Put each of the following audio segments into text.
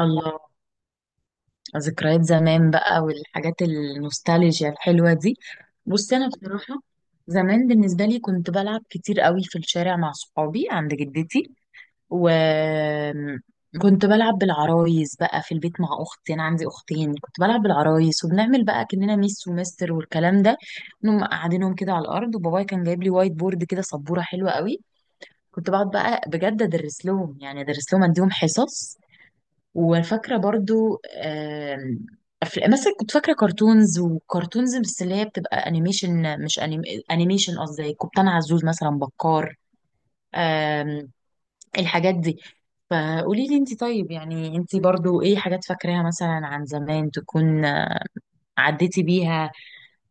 الله. ذكريات زمان بقى والحاجات النوستالجيا الحلوة دي. بصي أنا بصراحة، زمان بالنسبة لي كنت بلعب كتير قوي في الشارع مع صحابي عند جدتي، وكنت بلعب بالعرايس بقى في البيت مع أختي. أنا عندي أختين، كنت بلعب بالعرايس وبنعمل بقى كأننا ميس ومستر والكلام ده. نقوم قاعدينهم كده على الأرض، وبابايا كان جايب لي وايت بورد كده، سبورة حلوة قوي. كنت بقعد بقى بجد أدرس لهم، يعني أدرس لهم أديهم حصص. وفاكرة برضو مثلا كنت فاكرة كرتونز، وكرتونز بس اللي هي بتبقى انيميشن، مش انيميشن قصدي، كابتن عزوز مثلا، بكار. آم، الحاجات دي. فقولي لي انت، طيب يعني انت برضو ايه حاجات فاكراها مثلا عن زمان، تكون عديتي بيها،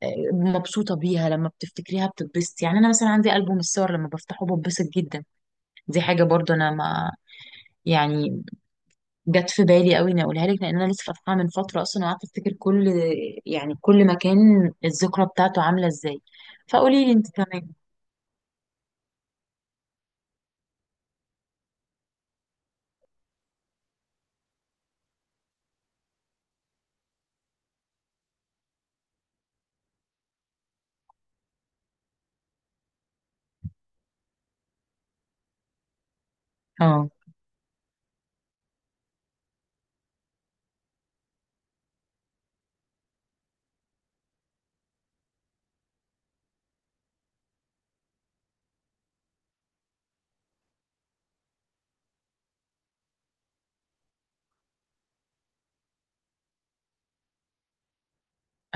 آه، مبسوطة بيها، لما بتفتكريها بتتبسطي، يعني انا مثلا عندي ألبوم الصور، لما بفتحه بتبسط جدا. دي حاجة برضو انا، ما يعني، جت في بالي قوي اني اقولها لك، لان انا لسه فاتحاها من فتره اصلا، وقعدت افتكر كل، يعني كل مكان الذكرى بتاعته عامله ازاي. فقولي لي انت كمان. اه.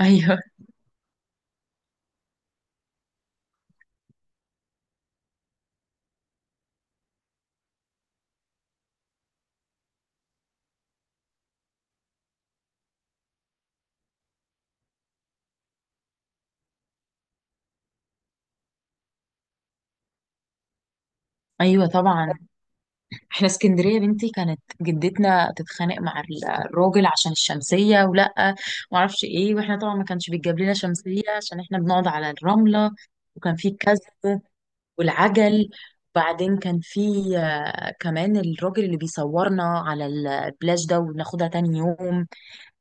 ايوه، ايوه طبعا. احنا اسكندريه يا بنتي، كانت جدتنا تتخانق مع الراجل عشان الشمسيه، ولا معرفش ايه، واحنا طبعا ما كانش بيتجاب لنا شمسيه عشان احنا بنقعد على الرمله. وكان في الكذب، والعجل، وبعدين كان في كمان الراجل اللي بيصورنا على البلاش ده وناخدها تاني يوم،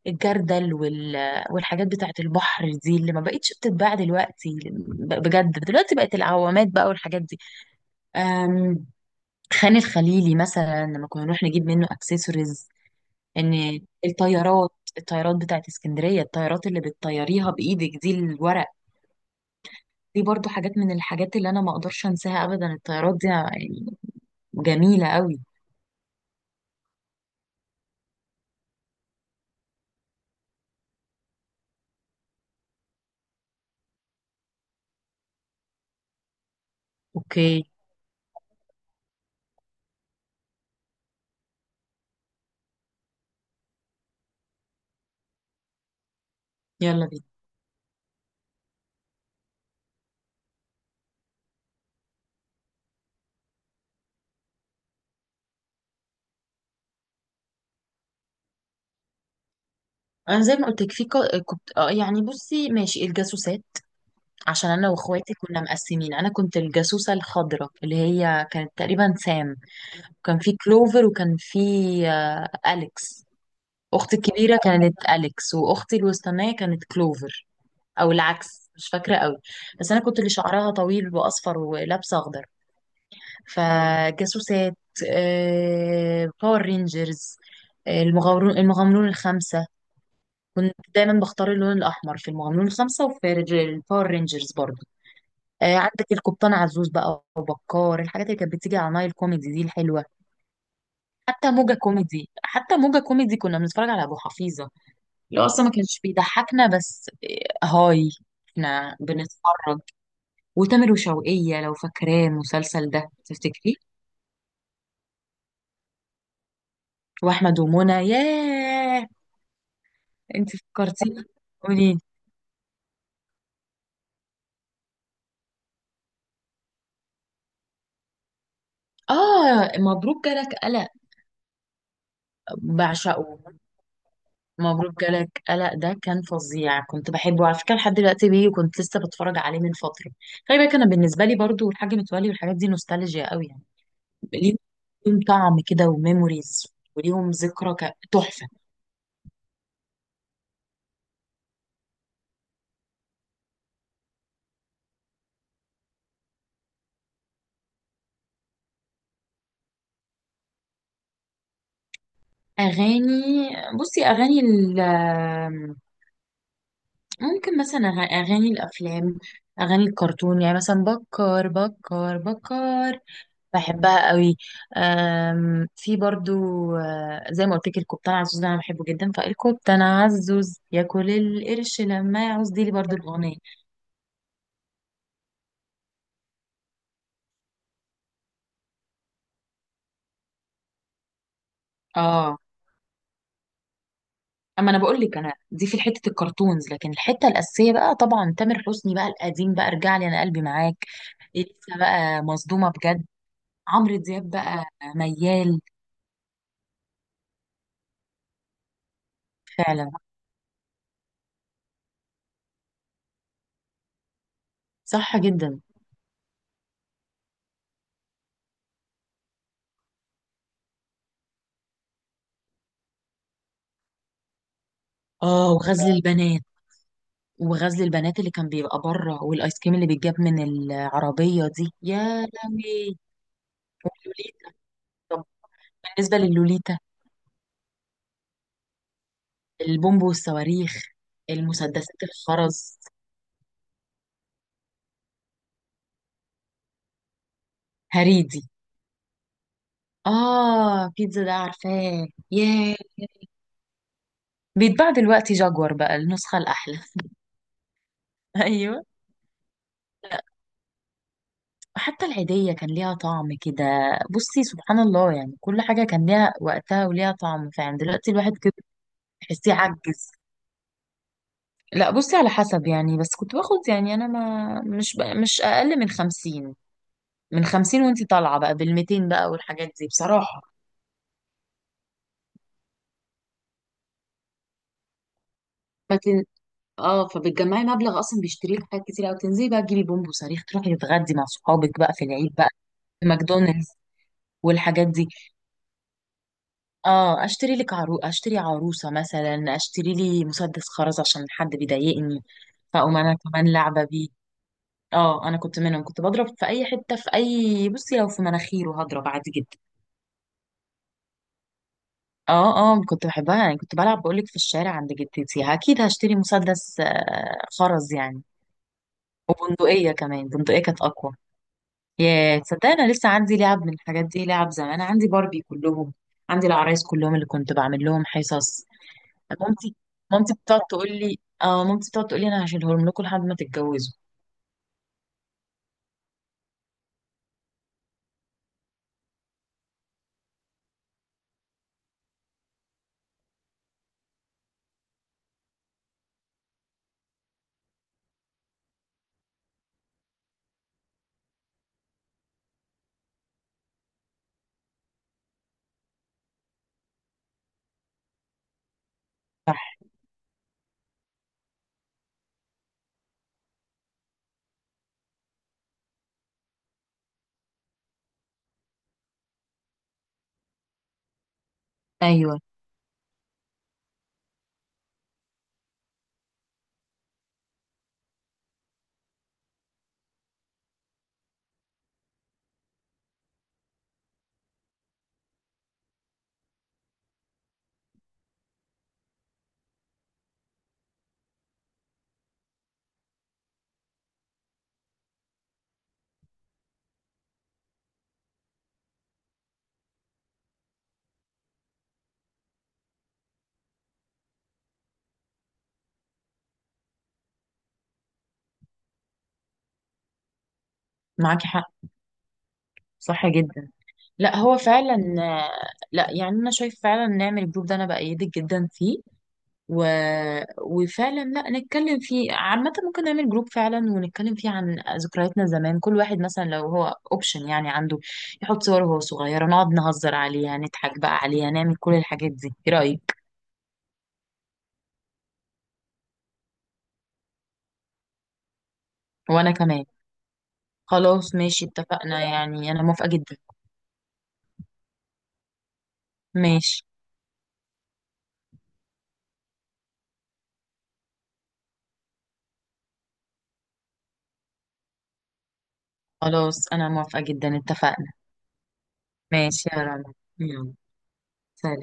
الجردل، والحاجات بتاعت البحر دي اللي ما بقتش بتتباع دلوقتي، بجد دلوقتي بقت العوامات بقى والحاجات دي. أم... خان الخليلي مثلا، لما كنا نروح نجيب منه اكسسوارز. ان الطيارات الطيارات بتاعت اسكندرية، الطيارات اللي بتطيريها بإيدك دي، الورق. دي برضو حاجات من الحاجات اللي انا ما اقدرش انساها ابدا، الطيارات دي يعني جميلة قوي. اوكي. يلا بينا. انا زي ما قلت لك، كنت يعني، بصي ماشي، الجاسوسات. عشان انا واخواتي كنا مقسمين، انا كنت الجاسوسة الخضراء اللي هي كانت تقريبا سام، وكان في كلوفر، وكان في آه، اليكس. اختي الكبيرة كانت اليكس، واختي الوسطانية كانت كلوفر، او العكس، مش فاكرة قوي. بس انا كنت اللي شعرها طويل واصفر ولابسة اخضر، فجاسوسات، باور رينجرز، المغامرون الخمسة. كنت دايما بختار اللون الأحمر في المغامرون الخمسة وفي الباور رينجرز برضه. عندك القبطان عزوز بقى، وبكار، الحاجات اللي كانت بتيجي على نايل كوميدي دي الحلوه. حتى موجة كوميدي، كنا بنتفرج على ابو حفيظه، اللي هو اصلا ما كانش بيضحكنا، بس هاي، احنا بنتفرج. وتامر وشوقية، لو فاكراه المسلسل ده، تفتكريه؟ واحمد ومنى، ياه. انت فكرتيني، قولي. اه، مبروك جالك قلق. بعشقه. مبروك جالك قلق ده كان فظيع، كنت بحبه على فكرة، لحد دلوقتي بيه، وكنت لسه بتفرج عليه من فترة. خلي بالك أنا بالنسبة لي برضو الحاج متولي والحاجات دي نوستالجيا قوي، يعني ليهم ليهم طعم كده وميموريز، وليهم ذكرى تحفة. أغاني، بصي أغاني ممكن مثلا، أغاني الأفلام، أغاني الكرتون، يعني مثلا بكر بكر بكر، بحبها قوي. في برضو، زي ما قلت لك الكبتان عزوز ده انا بحبه جدا، فالكبتان عزوز ياكل القرش لما يعوز، دي لي برضو الاغنيه. اه. اما انا بقول لك، انا دي في حته الكرتونز، لكن الحته الاساسيه بقى طبعا تامر حسني بقى القديم بقى، ارجع لي انا قلبي معاك، لسه بقى مصدومه بجد. عمرو دياب بقى، ميال. فعلا. صح جدا. اه، وغزل البنات، وغزل البنات اللي كان بيبقى بره، والايس كريم اللي بيتجاب من العربيه دي، يا لهوي. واللوليتا. طب بالنسبه للوليتا، البومب والصواريخ، المسدسات الخرز، هريدي. اه، بيتزا ده عارفاه، ياه. بيتباع دلوقتي جاكور بقى، النسخه الاحلى. ايوه. حتى العيديه كان ليها طعم كده. بصي سبحان الله، يعني كل حاجه كان ليها وقتها وليها طعم فعلا، دلوقتي الواحد كده تحسيه عجز. لا بصي، على حسب يعني، بس كنت باخد يعني، انا ما مش بقى مش اقل من 50. من خمسين وانتي طالعه بقى بالـ200 بقى، والحاجات دي بصراحه. فتن... اه فبتجمعي مبلغ اصلا بيشتري لك حاجات كتير قوي، تنزلي بقى تجيبي بومب وصريخ، تروحي تتغدي مع صحابك بقى في العيد بقى في ماكدونالدز والحاجات دي. اه اشتري عروسه مثلا، اشتري لي مسدس خرز عشان حد بيضايقني، فاقوم انا كمان لعبه بيه. اه، انا كنت منهم، كنت بضرب في اي حته، في اي بصي لو في مناخيره هضرب عادي جدا. اه اه، كنت بحبها يعني، كنت بلعب بقولك في الشارع عند جدتي، اكيد هشتري مسدس خرز يعني. وبندقية كمان، بندقية كانت اقوى. يا تصدقني، انا لسه عندي لعب من الحاجات دي، لعب زمان، عندي باربي كلهم، عندي العرايس كلهم اللي كنت بعمل لهم حصص. مامتي مامتي بتقعد تقول لي، انا هشيلهم لكم لحد ما تتجوزوا. صح. ايوه. معاكي حق. صح جدا. لا هو فعلا. آه، لا يعني، انا شايف فعلا نعمل الجروب ده، انا بأيدك جدا فيه. و... وفعلا لا، نتكلم فيه عامة، ممكن نعمل جروب فعلا ونتكلم فيه عن ذكرياتنا زمان، كل واحد مثلا لو هو اوبشن يعني عنده، يحط صوره وهو صغير، نقعد نهزر عليها، نضحك بقى عليها، نعمل كل الحاجات دي. ايه رأيك؟ وانا كمان. خلاص ماشي، اتفقنا، يعني انا موافقة جدا. ماشي. خلاص انا موافقة جدا، اتفقنا. ماشي يا رنا. يلا، سلام.